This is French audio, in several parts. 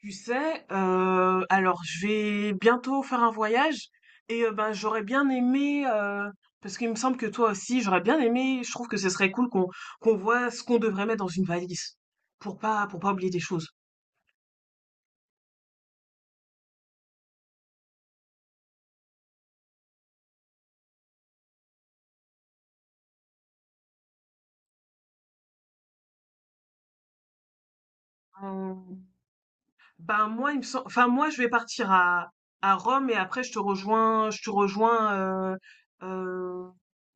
Tu sais, alors je vais bientôt faire un voyage et ben j'aurais bien aimé parce qu'il me semble que toi aussi j'aurais bien aimé. Je trouve que ce serait cool qu'on voit ce qu'on devrait mettre dans une valise pour pas oublier des choses. Euh, Ben moi, il me sem enfin moi, je vais partir à Rome et après je te rejoins, euh,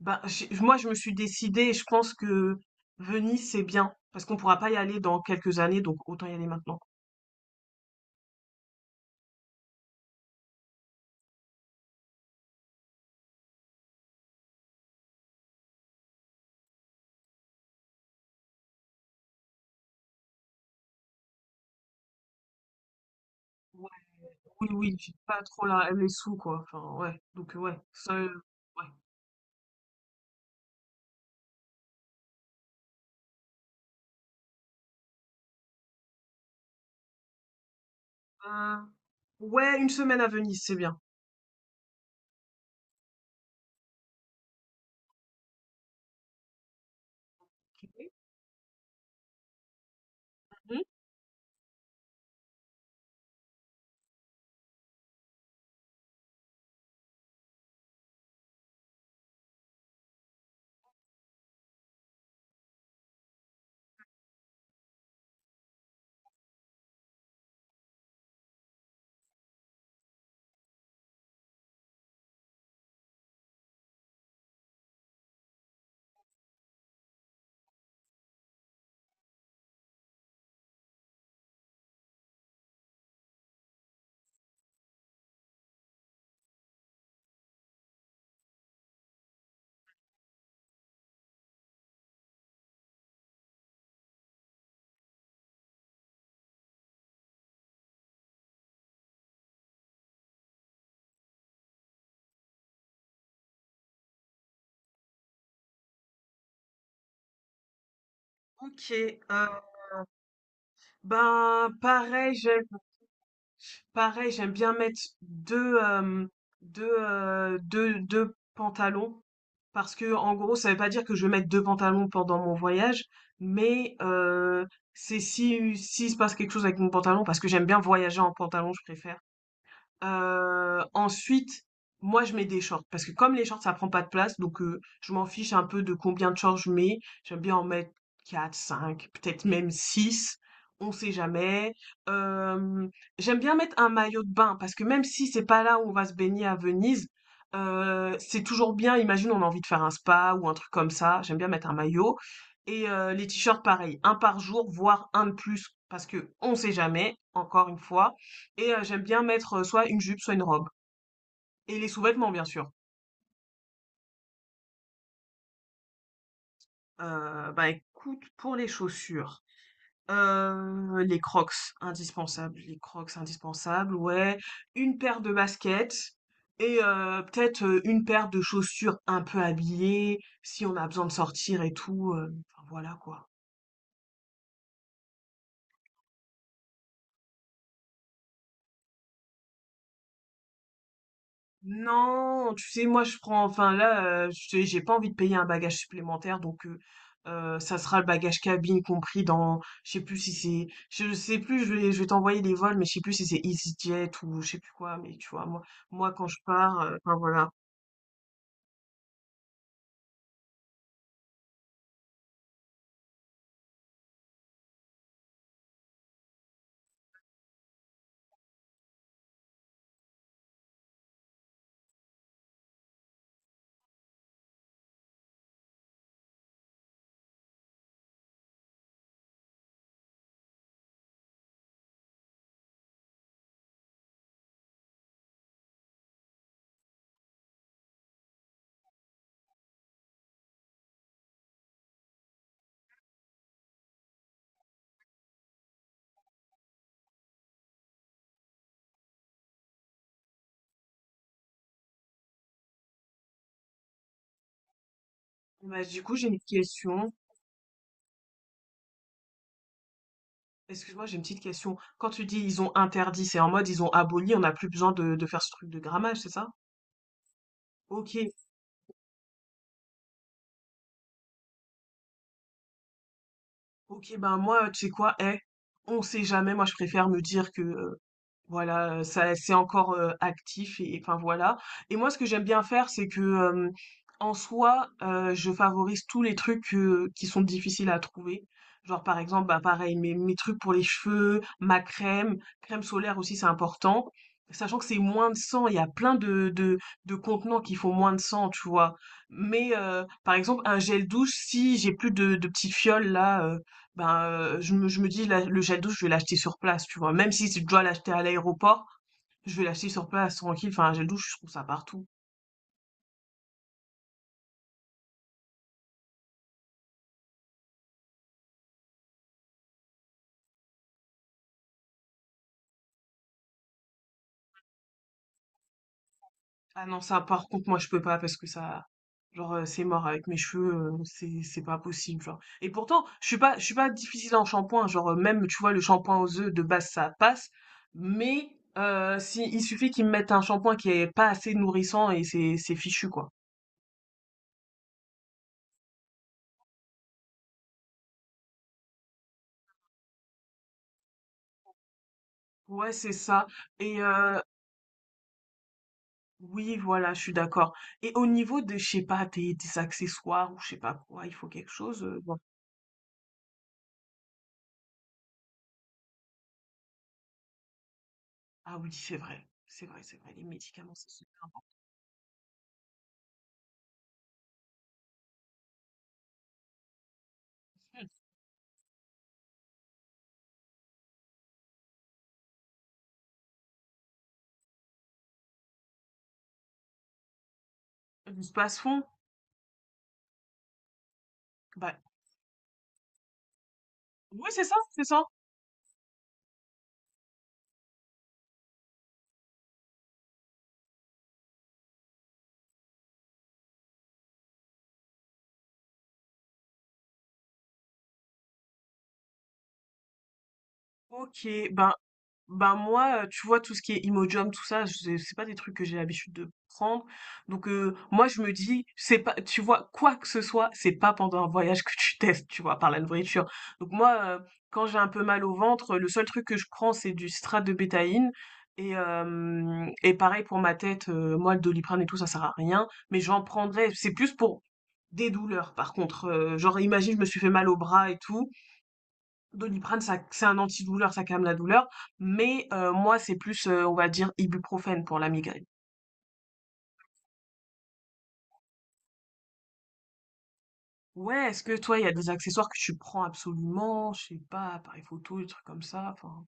moi, je me suis décidée. Et je pense que Venise c'est bien parce qu'on pourra pas y aller dans quelques années, donc autant y aller maintenant. Ouais, oui, j'ai pas trop les sous quoi. Enfin ouais, donc ouais, ouais. Euh, ouais, une semaine à Venise c'est bien. Ok. Mhm. Ok, euh, ben pareil, j'aime Pareil, j'aime bien mettre deux hem, deux heu, 2- 2 pantalons parce que, en gros, ça veut pas dire que je vais mettre 2 pantalons pendant mon voyage, mais c'est si s'il se passe quelque chose avec mon pantalon, parce que j'aime bien voyager en pantalon, je préfère. Ensuite, moi, je mets des shorts parce que, comme les shorts, ça prend pas de place, donc je m'en fiche un peu de combien de shorts je mets. J'aime bien en mettre quatre, cinq, peut-être même six, on sait jamais. Hem, J'aime bien mettre un maillot de bain parce que, même si c'est pas là où on va se baigner à Venise, c'est toujours bien. Imagine, on a envie de faire un spa ou un truc comme ça, j'aime bien mettre un maillot. Et les t-shirts, pareil, un par jour, voire un de plus parce que qu'on sait jamais, encore une fois. Et j'aime bien mettre, soit une jupe, soit une robe, et les sous-vêtements, bien sûr. Bah, écoute, pour les chaussures, les Crocs, indispensables. Les Crocs, indispensables, ouais. Une paire de baskets et peut-être une paire de chaussures un peu habillées, si on a besoin de sortir et tout, enfin voilà, quoi. Non, tu sais, moi je prends, enfin là, je te dis, j'ai pas envie de payer un bagage supplémentaire, donc ça sera le bagage cabine compris dans, je sais plus si c'est, je sais plus, je vais t'envoyer les vols, mais je sais plus si c'est EasyJet ou je sais plus quoi, mais tu vois, moi, quand je pars, enfin voilà. Bah, du coup, j'ai une question. Excuse-moi, j'ai une petite question. Quand tu dis ils ont interdit, c'est en mode ils ont aboli, on n'a plus besoin de faire ce truc de grammage, c'est ça? Ok. Ok, ben moi, tu sais quoi, on sait jamais, moi je préfère me dire que voilà, ça, c'est encore actif, et enfin voilà. Et moi, ce que j'aime bien faire, c'est que, en soi, je favorise tous les trucs qui sont difficiles à trouver. Genre, par exemple, bah pareil, mes trucs pour les cheveux, crème solaire aussi, c'est important. Sachant que c'est moins de cent, il y a plein de contenants qui font moins de cent, tu vois. Mais par exemple, un gel douche, si j'ai plus de petites fioles là. Je je me dis, le gel douche, je vais l'acheter sur place, tu vois. Même si je dois l'acheter à l'aéroport, je vais l'acheter sur place, tranquille. Enfin, un gel douche, je trouve ça partout. Ah non, ça, par contre, moi, je peux pas, parce que ça, genre, c'est mort avec mes cheveux, c'est pas possible, genre. Et pourtant, je suis pas difficile en shampoing, genre, même, tu vois, le shampoing aux œufs de base, ça passe. Mais si, il suffit qu'ils me mettent un shampoing qui est pas assez nourrissant, et c'est fichu, quoi. Ouais, c'est ça. Et oui, voilà, je suis d'accord. Et au niveau de, je sais pas, tes accessoires ou je sais pas quoi, il faut quelque chose. Bon. Ah oui, c'est vrai, c'est vrai, c'est vrai. Les médicaments, c'est super important. Du spasfon, bah oui, c'est ça, c'est ça. Ok, ben bah, moi, tu vois, tout ce qui est Imodium, tout ça, c'est pas des trucs que j'ai l'habitude de prendre, donc moi, je me dis, c'est pas, tu vois? Quoi que ce soit, c'est pas pendant un voyage que tu testes, tu vois? Par la nourriture. Donc moi, quand j'ai un peu mal au ventre, le seul truc que je prends, c'est du citrate de bétaïne. Et hem et pareil pour ma tête, moi, le Doliprane et tout ça sert à rien, mais j'en prendrais, c'est plus pour des douleurs, par contre, genre, imagine je me suis fait mal au bras et tout, Doliprane, ça, c'est un antidouleur, ça calme la douleur, mais moi, c'est plus, on va dire ibuprofène pour la migraine. Ouais, est-ce que toi, il y a des accessoires que tu prends absolument? Je sais pas, appareil photo, des trucs comme ça, enfin?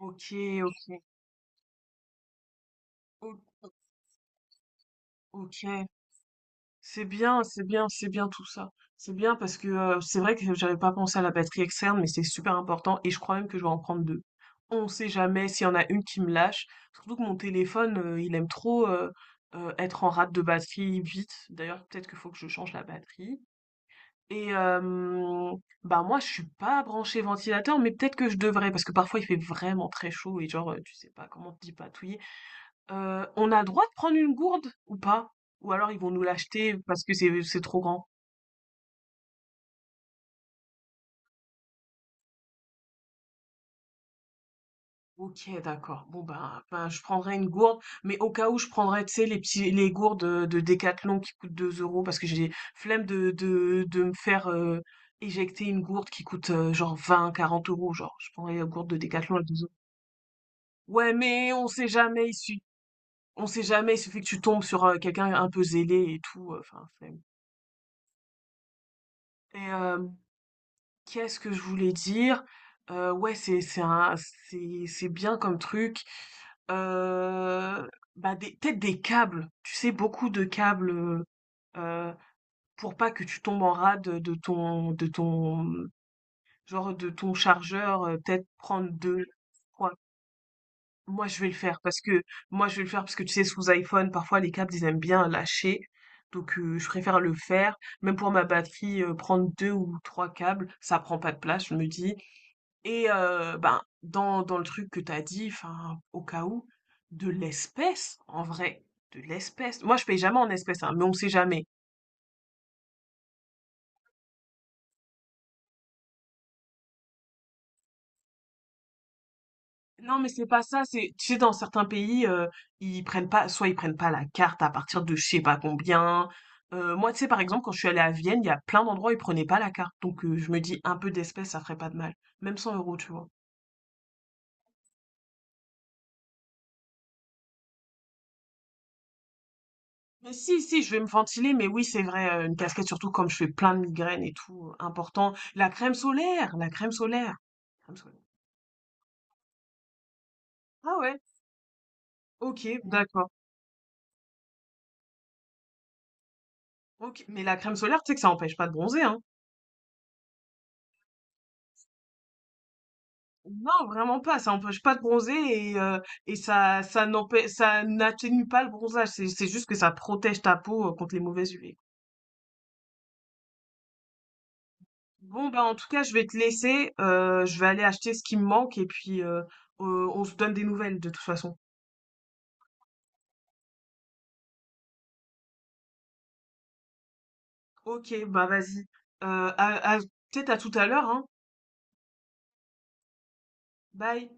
OK, OK. O OK. C'est bien, c'est bien, c'est bien tout ça. C'est bien parce que, c'est vrai que j'avais pas pensé à la batterie externe, mais c'est super important, et je crois même que je vais en prendre deux. On sait jamais s'il y en a une qui me lâche. Surtout que mon téléphone, il aime trop, être en rate de batterie vite. D'ailleurs, peut-être qu'il faut que je change la batterie. Et bah moi, je suis pas branchée ventilateur, mais peut-être que je devrais, parce que parfois il fait vraiment très chaud, et genre tu sais pas comment te patouiller. On a droit de prendre une gourde ou pas? Ou alors ils vont nous l'acheter parce que c'est trop grand? OK, d'accord. Bon, ben, je prendrai une gourde, mais au cas où je prendrais, tu sais, les gourdes, de Decathlon, qui coûtent 2 €, parce que j'ai flemme de me faire éjecter une gourde qui coûte, genre vingt quarante euros, genre. Je prendrais la gourde de Decathlon à 2 euros. Ouais, mais on sait jamais, il suffi on sait jamais, il suffit que tu tombes sur, quelqu'un un peu zélé et tout, enfin flemme. Et hem qu'est-ce que je voulais dire? Ouais, c'est un c'est bien comme truc. Heu, Bah, des peut-être des câbles, tu sais, beaucoup de câbles, pour pas que tu tombes en rade de ton, genre, de ton chargeur, peut-être prendre 2, 3. Moi, je vais le faire parce que moi, je vais le faire parce que, tu sais, sous iPhone, parfois, les câbles, ils aiment bien lâcher. Donc je préfère le faire. Même pour ma batterie, prendre 2 ou 3 câbles, ça prend pas de place, je me dis. Et ben, dans le truc que t'as dit, enfin, au cas où, de l'espèce, en vrai, de l'espèce. Moi, je paye jamais en espèce, hein, mais on sait jamais. Non, mais c'est pas ça, c'est, tu sais, dans certains pays, ils prennent pas, soit ils prennent pas la carte à partir de je sais pas combien. Moi, tu sais, par exemple, quand je suis allée à Vienne, il y a plein d'endroits où ils prenaient pas la carte. Donc, je me dis, un peu d'espèces, ça ferait pas de mal. Même 100 euros, tu vois. Mais si, je vais me ventiler, mais oui, c'est vrai, une casquette, surtout comme je fais plein de migraines et tout, important. La crème solaire, la crème solaire. Crème solaire. Ah ouais, ok, d'accord. Ok, mais la crème solaire, tu sais que ça empêche pas de bronzer, hein. Non, vraiment pas, ça empêche pas de bronzer, et ça n'atténue pas le bronzage, c'est juste que ça protège ta peau contre les mauvaises UV. Bon, bah en tout cas, je vais te laisser, je vais aller acheter ce qui me manque, et puis on se donne des nouvelles de toute façon. Ok, bah vas-y. Euh, à, à- Peut-être à tout à l'heure, hein. Bye.